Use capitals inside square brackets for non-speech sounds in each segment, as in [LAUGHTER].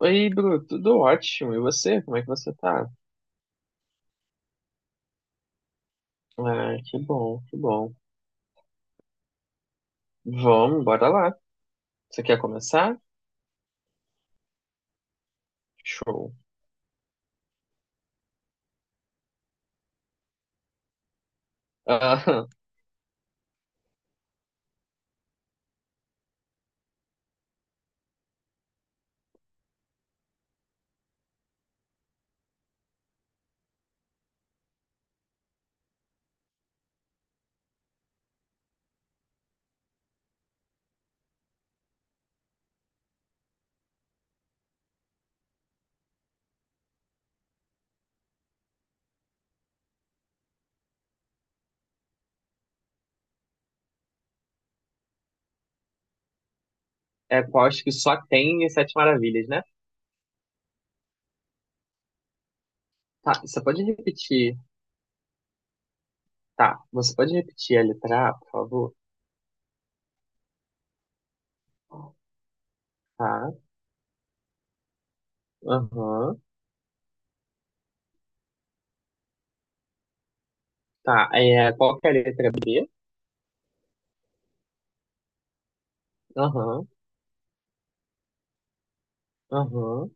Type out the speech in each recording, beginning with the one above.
Oi, Bruno, tudo ótimo. E você? Como é que você tá? Ah, que bom, que bom. Vamos, bora lá. Você quer começar? Show. Ah, [LAUGHS] é qual acho que só tem as Sete Maravilhas, né? Tá, você pode repetir. Tá, você pode repetir a letra A, por favor? Tá, aham. Tá, é, qual que é a letra B? Aham, aham,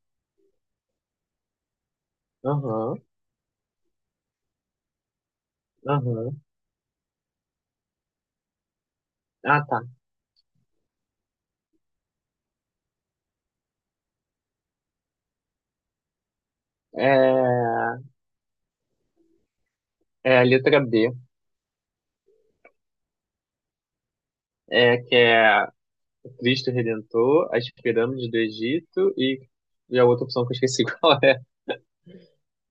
aham, aham. Ah, tá. É, é a letra B, é, que é Cristo Redentor, as pirâmides do Egito e a outra opção que eu esqueci [LAUGHS] qual é.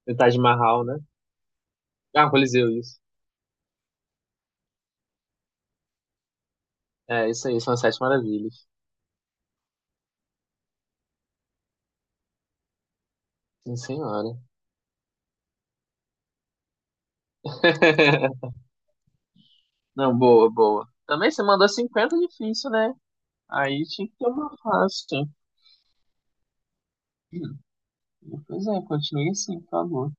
O Taj Mahal, né? Ah, o Coliseu, isso. É, isso aí, são as sete maravilhas. Sim, senhora. [LAUGHS] Não, boa, boa. Também você mandou 50 difícil, né? Aí tinha que ter uma fácil. Hum. Pois é, continue assim, por favor.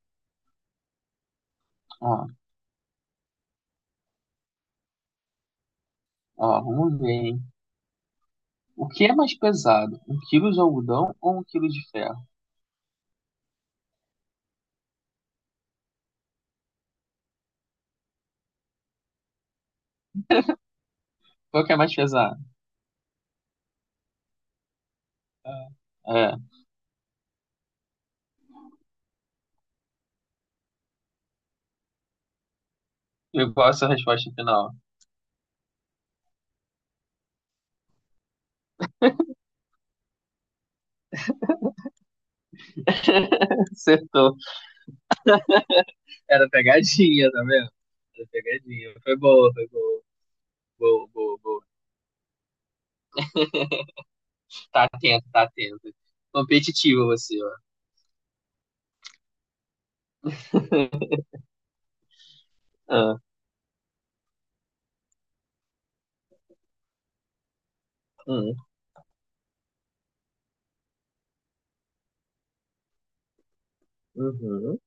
Ó, ó, vamos ver, hein? O que é mais pesado? Um quilo de algodão ou um quilo de ferro? Qual que é mais pesado? É, É, eu gosto da resposta final. [LAUGHS] Acertou. Era pegadinha, tá vendo? Era pegadinha. Foi boa, foi boa. Boa, boa, boa. Tá atento, tá atento. Competitivo você, ó. Ah, hum, uhum.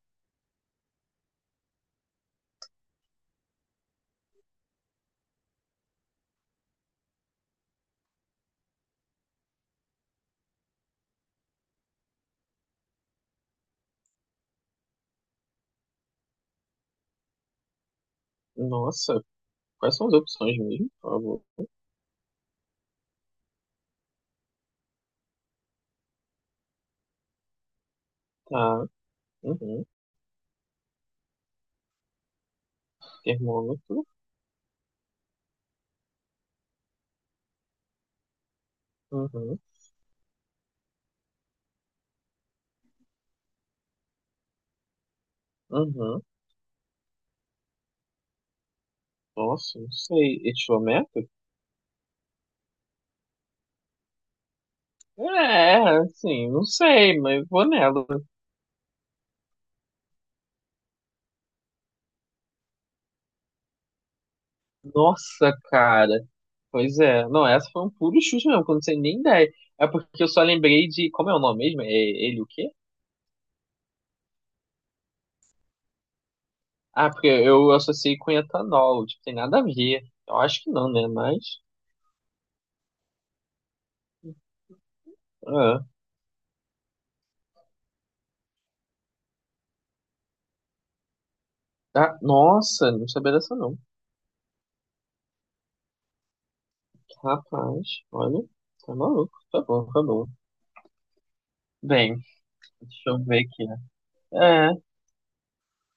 Nossa, quais são as opções mesmo, por favor? Tá, uhum. Termômetro, uhum, uhum. Nossa, não sei. Etiômetro? É, assim, não sei, mas vou nela. Nossa, cara. Pois é. Não, essa foi um puro chute mesmo, que eu não sei nem ideia. É porque eu só lembrei de. Como é o nome mesmo? É ele o quê? Ah, porque eu associei com etanol, tipo, tem nada a ver. Eu acho que não, né? Mas. Ah, Ah, nossa, não sabia dessa não. Rapaz, olha, tá maluco. Tá bom, tá bom. Bem, deixa eu ver aqui. Né? É,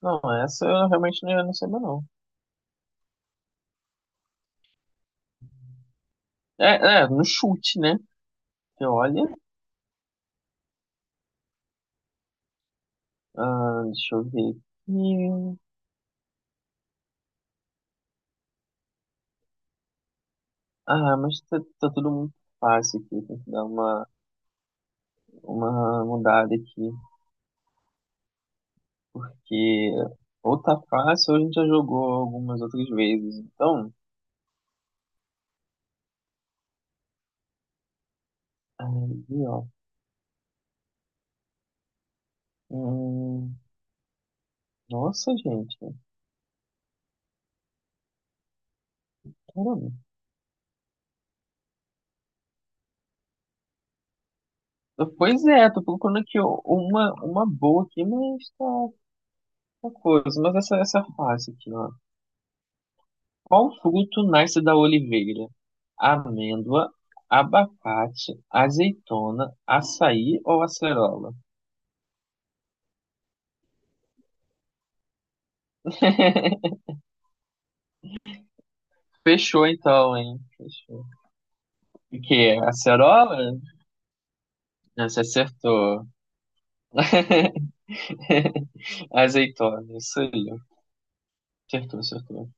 não, essa eu realmente não sabia não. É, é, no chute, né? Então, olha, ah, deixa eu ver aqui. Ah, mas tá, tá tudo muito fácil aqui. Tem que dar uma, mudada aqui. Que ou tá fácil ou a gente já jogou algumas outras vezes. Então, aí, ó. Hum, nossa, gente. Caramba. Pois é, tô procurando aqui ó, uma boa aqui, mas tá coisa. Mas essa é fácil aqui, ó. Qual fruto nasce da oliveira? Amêndoa, abacate, azeitona, açaí ou acerola? [LAUGHS] Fechou então, hein? Fechou. O que? É? Acerola? Ah, você acertou. [LAUGHS] [LAUGHS] Azeitona, isso aí. Acertou, acertou.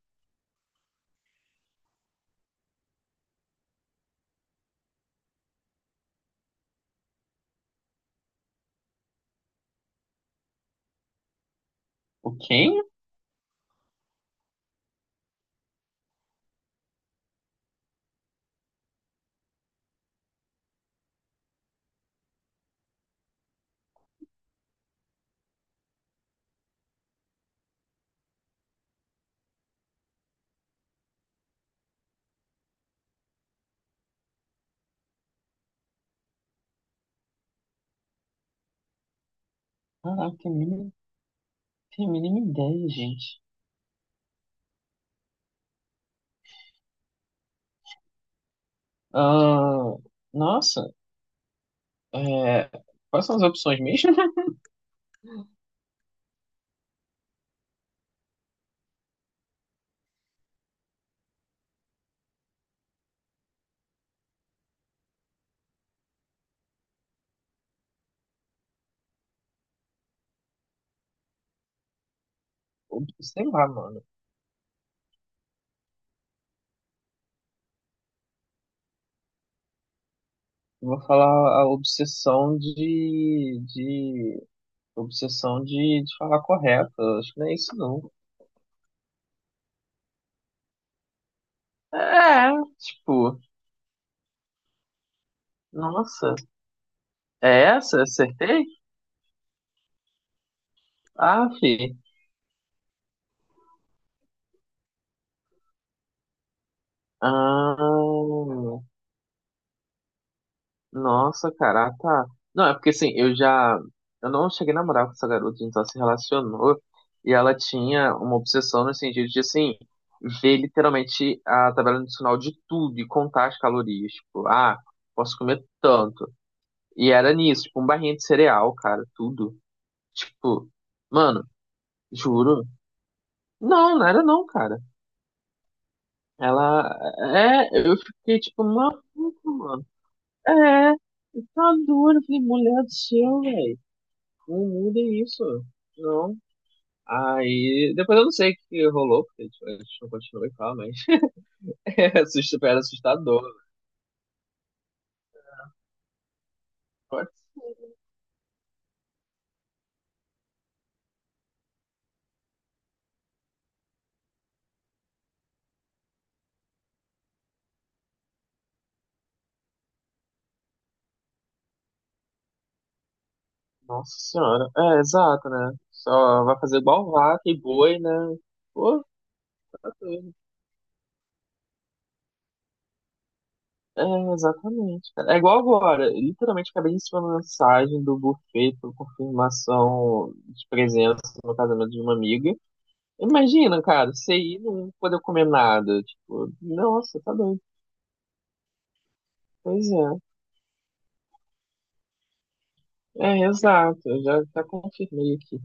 O quem? Caraca, tem mínima ideia, gente. Ah, nossa, é, quais são as opções mesmo? [LAUGHS] Ob- Sei lá, mano. Eu vou falar a obsessão de falar correto. Acho que não é isso, não. É, tipo, nossa, é essa? Acertei? Ah, fi. Ah, Nossa, cara, ah, tá. Não, é porque assim, eu já. Eu não cheguei a namorar com essa garota, a gente só se relacionou. E ela tinha uma obsessão no sentido de, assim, ver literalmente a tabela nutricional de tudo e contar as calorias. Tipo, ah, posso comer tanto. E era nisso, tipo, um barrinha de cereal, cara, tudo. Tipo, mano, juro. Não, não era não, cara. Ela. É, eu fiquei, tipo, maluco, mano. É, tá duro, eu falei, mulher do céu, velho. Não mudem isso. Não. Aí, depois eu não sei o que rolou, porque tipo, a gente não continuou e falar, mas [LAUGHS] é assust- era assustador. Nossa senhora. É, exato, né? Só vai fazer igual vaca e boi, né? Pô, tá doido. É, exatamente, cara. É igual agora. Eu literalmente acabei de receber uma mensagem do buffet por confirmação de presença no casamento de uma amiga. Imagina, cara, você ir e não poder comer nada. Tipo, nossa, tá doido. Pois é. É, exato, eu já confirmei aqui.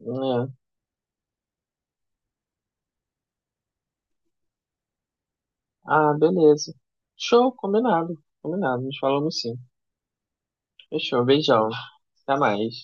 Né? Ah, beleza. Show, combinado, combinado. Nos falamos sim. Fechou, beijão. Até mais.